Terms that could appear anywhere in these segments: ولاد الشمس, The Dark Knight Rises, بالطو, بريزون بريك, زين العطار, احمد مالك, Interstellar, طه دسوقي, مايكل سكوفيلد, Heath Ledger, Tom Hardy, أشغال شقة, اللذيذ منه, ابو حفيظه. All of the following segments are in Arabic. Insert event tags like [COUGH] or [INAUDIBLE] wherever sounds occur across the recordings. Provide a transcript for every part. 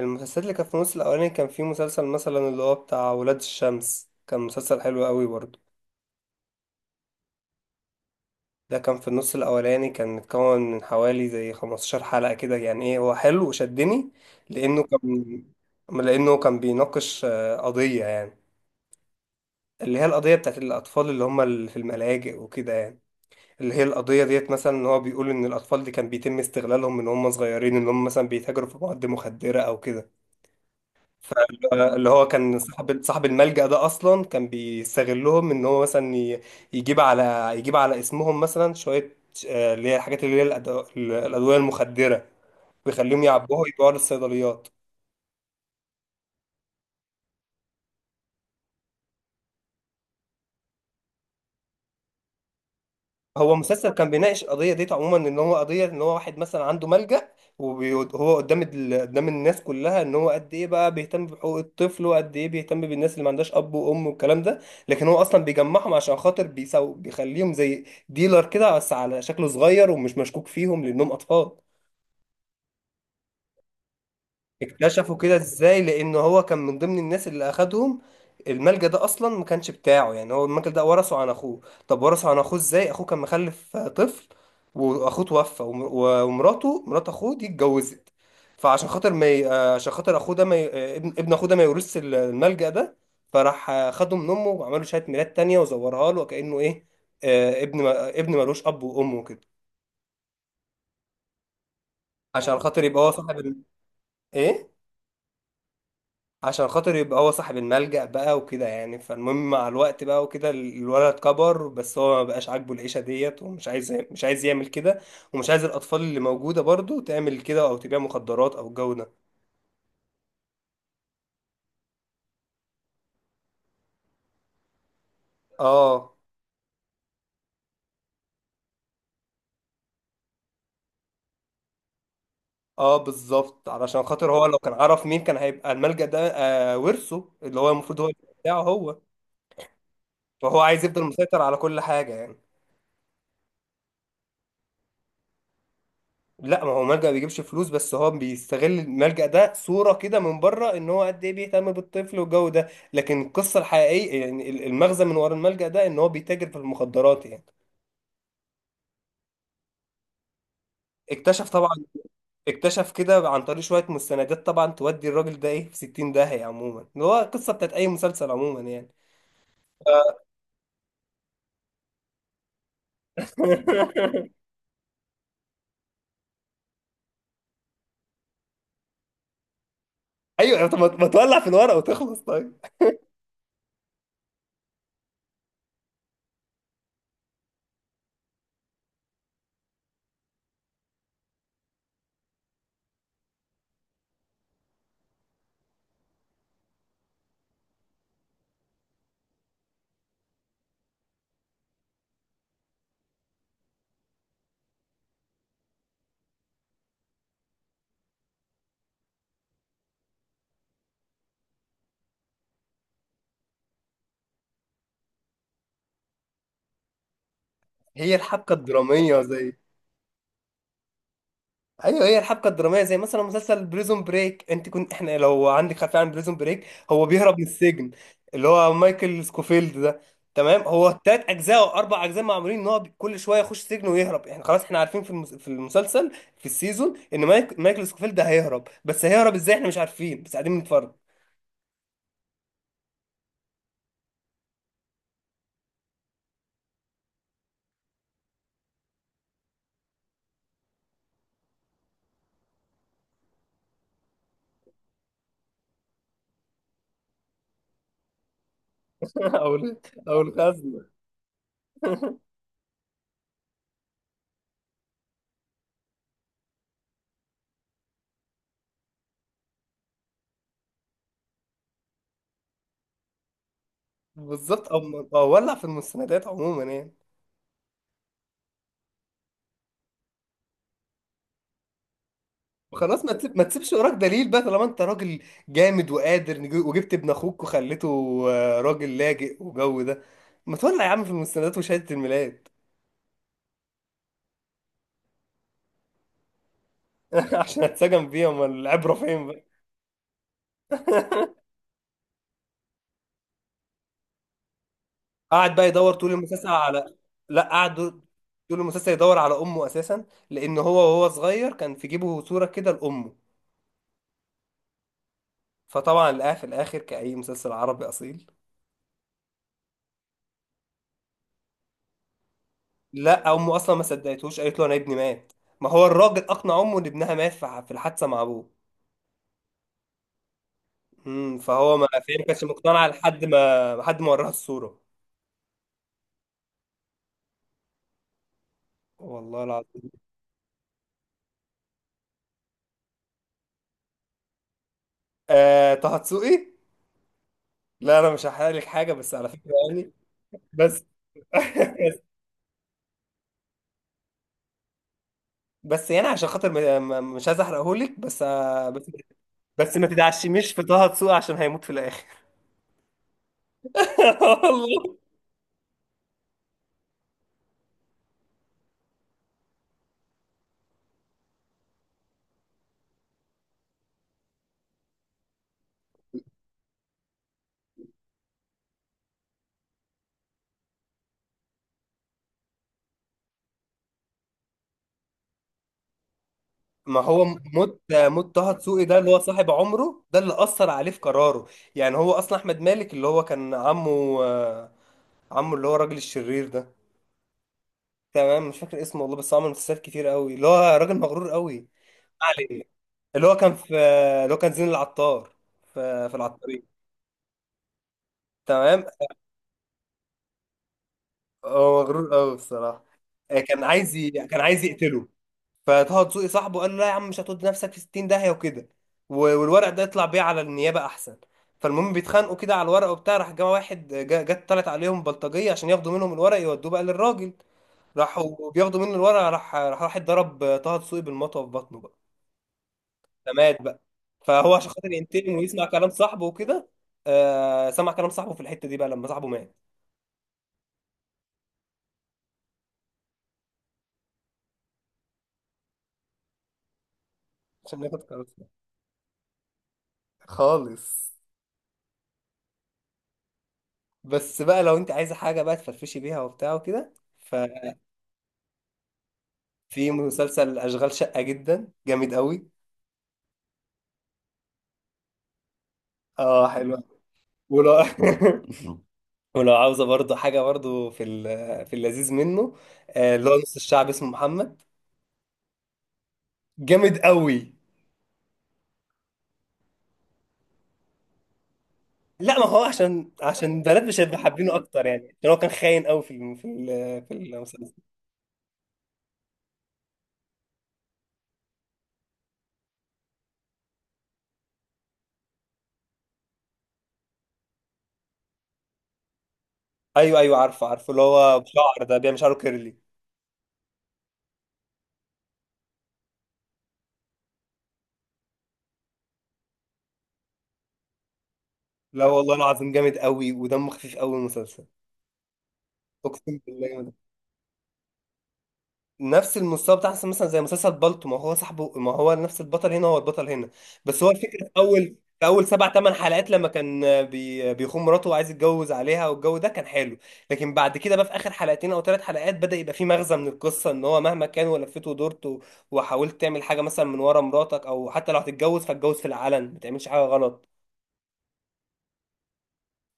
المسلسلات اللي كانت في الموسم الأولاني كان في مسلسل مثلا اللي هو بتاع ولاد الشمس، كان مسلسل حلو قوي برضه. ده كان في النص الأولاني، كان متكون من حوالي زي 15 حلقة كده، يعني ايه، هو حلو وشدني لأنه كان لأنه كان بيناقش قضية يعني، اللي هي القضية بتاعت الأطفال اللي هم اللي في الملاجئ وكده يعني. اللي هي القضية ديت مثلا، إن هو بيقول إن الأطفال دي كان بيتم استغلالهم من هم صغيرين، إن هم مثلا بيتاجروا في مواد مخدرة أو كده. فاللي هو كان صاحب الملجأ ده أصلا كان بيستغلهم، إن هو مثلا يجيب على اسمهم مثلا شوية، اللي هي الحاجات، اللي هي الأدوية المخدرة، ويخليهم يعبوها ويبيعوها للصيدليات. هو مسلسل كان بيناقش القضيه ديت عموما، ان هو قضيه ان هو واحد مثلا عنده ملجأ، وهو قدام قدام الناس كلها ان هو قد ايه بقى بيهتم بحقوق الطفل، وقد ايه بيهتم بالناس اللي ما عندهاش اب وام والكلام ده، لكن هو اصلا بيجمعهم عشان خاطر بيخليهم زي ديلر كده، بس على شكله صغير ومش مشكوك فيهم لانهم اطفال. اكتشفوا كده ازاي لان هو كان من ضمن الناس اللي اخدهم. الملجأ ده اصلا ما كانش بتاعه يعني، هو الملجأ ده ورثه عن اخوه. طب ورثه عن اخوه ازاي؟ اخوه كان مخلف طفل، واخوه توفى ومراته، مرات اخوه دي اتجوزت، فعشان خاطر ما ي... عشان خاطر اخوه ده ما ي... ابن اخوه ده ما يورثش الملجأ ده، فراح خده من امه وعملوا شهادة ميلاد تانية وزورها له كأنه ايه، ابن ما... ابن ملوش اب وام وكده، عشان خاطر يبقى هو صاحب ايه، عشان خاطر يبقى هو صاحب الملجأ بقى وكده يعني. فالمهم مع الوقت بقى وكده الولد كبر، بس هو ما بقاش عاجبه العيشة ديت، ومش عايز مش عايز يعمل كده، ومش عايز الأطفال اللي موجودة برضو تعمل كده أو تبيع مخدرات أو الجو ده. اه، اه، بالظبط، علشان خاطر هو لو كان عرف مين كان هيبقى الملجأ ده آه ورثه، اللي هو المفروض هو اللي بتاعه هو، فهو عايز يفضل مسيطر على كل حاجة يعني. لا، ما هو ملجأ بيجيبش فلوس، بس هو بيستغل الملجأ ده صورة كده من بره، ان هو قد ايه بيهتم بالطفل والجو ده، لكن القصة الحقيقية يعني، المغزى من ورا الملجأ ده ان هو بيتاجر في المخدرات يعني. اكتشف طبعا، اكتشف كده عن طريق شوية مستندات، طبعا تودي الراجل ده ايه في 60 داهية، عموما اللي هو القصة بتاعت اي مسلسل عموما يعني. [LAUGHS] ايوه، طب ما تولع في الورقة وتخلص طيب. هي الحبكة الدرامية زي، ايوه، هي الحبكه الدراميه زي مثلا مسلسل بريزون بريك. انت كنت احنا لو عندك خلفيه عن بريزون بريك، هو بيهرب من السجن، اللي هو مايكل سكوفيلد ده. تمام، هو 3 اجزاء او 4 اجزاء معمولين ان هو كل شويه يخش سجن ويهرب، احنا خلاص احنا عارفين في المسلسل، في السيزون، ان مايكل سكوفيلد ده هيهرب، بس هيهرب ازاي احنا مش عارفين، بس قاعدين بنتفرج. [LAUGHS] او ال- او الخزنه. [LAUGHS] بالظبط، او ولع في المستندات عموما يعني. خلاص، ما تسيبش وراك دليل بقى، طالما انت راجل جامد وقادر وجبت ابن اخوك وخليته راجل لاجئ وجو ده، ما تولع يا عم في المستندات وشهادة الميلاد. [LAUGHS] عشان اتسجن فيها، امال العبرة فين بقى. [LAUGHS] قعد بقى يدور طول المسلسل على لا، قعد طول المسلسل يدور على امه اساسا، لان هو وهو صغير كان في جيبه صورة كده لامه، فطبعا لقاها في الاخر كأي مسلسل عربي اصيل. لا، امه اصلا ما صدقتهوش، قالت له انا ابني مات. ما هو الراجل اقنع امه ان ابنها مات في الحادثة مع ابوه. فهو ما فاهم كانش مقتنع لحد ما وراها الصورة. والله العظيم. آه، طه دسوقي. لا انا مش هحرق لك حاجة، بس على فكرة يعني، بس [LAUGHS] بس يعني عشان خاطر مش عايز احرقه لك، بس. بس ما تدعشميش في طه دسوقي عشان هيموت في الاخر. [LAUGHS] والله. ما هو موت طه دسوقي ده اللي هو صاحب عمره، ده اللي اثر عليه في قراره يعني. هو اصلا احمد مالك، اللي هو كان عمه، اللي هو الراجل الشرير ده. تمام، مش فاكر اسمه والله، بس هو عمل مسلسلات كتير قوي، اللي هو راجل مغرور قوي. ما علينا. اللي هو كان في اللي هو كان زين العطار في العطارين. تمام، هو مغرور قوي بصراحه. كان عايز يقتله. فطه دسوقي صاحبه قال له لا يا عم، مش هتود نفسك في 60 داهيه وكده، والورق ده يطلع بيه على النيابه احسن. فالمهم بيتخانقوا كده على الورق وبتاع، راح جه واحد جت طلعت عليهم بلطجيه عشان ياخدوا منهم الورق يودوه بقى للراجل. راحوا بياخدوا منه الورق، راح واحد ضرب طه دسوقي بالمطوه في بطنه فمات بقى. فهو عشان خاطر ينتقم ويسمع كلام صاحبه وكده، سمع كلام صاحبه في الحتة دي بقى لما صاحبه مات. عشان ياخد قرار صح. خالص. بس بقى لو انت عايزة حاجة بقى تفرفشي بيها وبتاع وكده، ففي مسلسل أشغال شقة جدا جامد قوي. اه، حلو. ولو [LAUGHS] ولو عاوزة برضو حاجة برضو في اللذيذ منه، اللي هو نص الشعب اسمه محمد، جامد قوي. لا، ما هو عشان بنات مش هيبقوا حابينه اكتر يعني، عشان هو كان خاين قوي في المسلسل. ايوه، ايوه، عارفه، عارفه، اللي هو بشعر ده، بيعمل شعره كيرلي. لا والله العظيم، جامد قوي ودمه خفيف قوي المسلسل. اقسم بالله. نفس المستوى بتاع مثلا زي مسلسل بالطو، ما هو صاحبه، ما هو نفس البطل هنا، هو البطل هنا. بس هو الفكره في اول سبع ثمان حلقات، لما كان بيخون مراته وعايز يتجوز عليها والجو ده كان حلو، لكن بعد كده بقى في اخر حلقتين او 3 حلقات، بدا يبقى في مغزى من القصه، ان هو مهما كان ولفيت ودورت وحاولت تعمل حاجه مثلا من ورا مراتك، او حتى لو هتتجوز فاتجوز في العلن، ما تعملش حاجه غلط.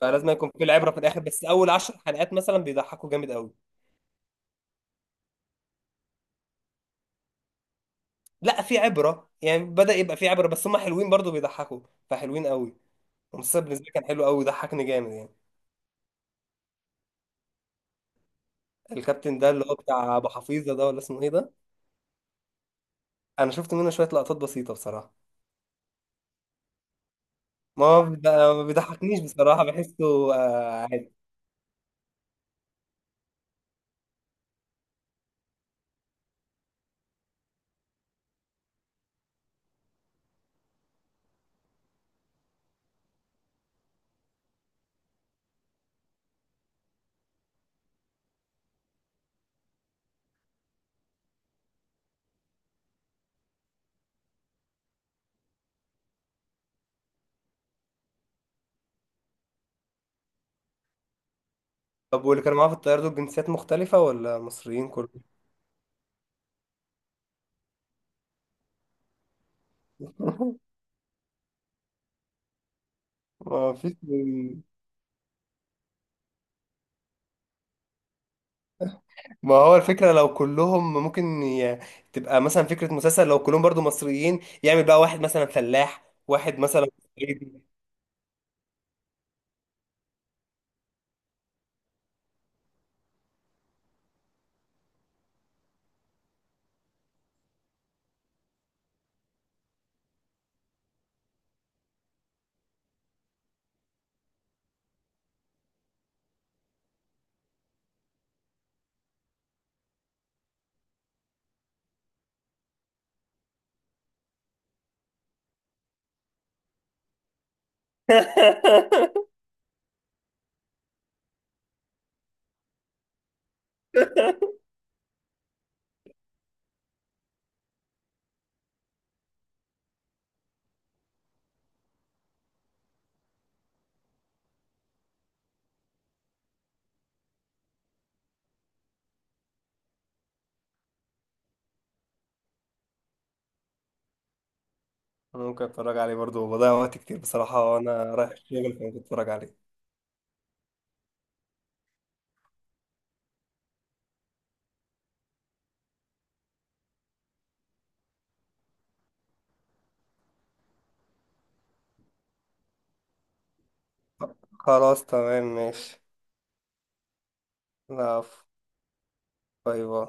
فلازم يكون في العبره في الاخر، بس اول 10 حلقات مثلا بيضحكوا جامد قوي. لا، في عبره يعني، بدا يبقى في عبره، بس هم حلوين برضو بيضحكوا، فحلوين قوي. المسلسل بالنسبه لي كان حلو قوي وضحكني جامد يعني. الكابتن ده اللي هو بتاع ابو حفيظه ده، ولا اسمه ايه ده؟ انا شفت منه شويه لقطات بسيطه بصراحه. ما بيضحكنيش بصراحه، بحسه عادي. طب واللي كانوا معاه في الطياره دول جنسيات مختلفه ولا مصريين كلهم؟ [LAUGHS] ما فيش، ما هو الفكره لو كلهم ممكن تبقى مثلا فكره مسلسل لو كلهم برضو مصريين، يعمل بقى واحد مثلا فلاح، واحد مثلا صعيدي. [LAUGHS] ممكن اتفرج عليه برضو، بضيع وقت كتير بصراحه وانا رايح الشغل، فممكن اتفرج عليه. خلاص، تمام، ماشي. لا، باي باي.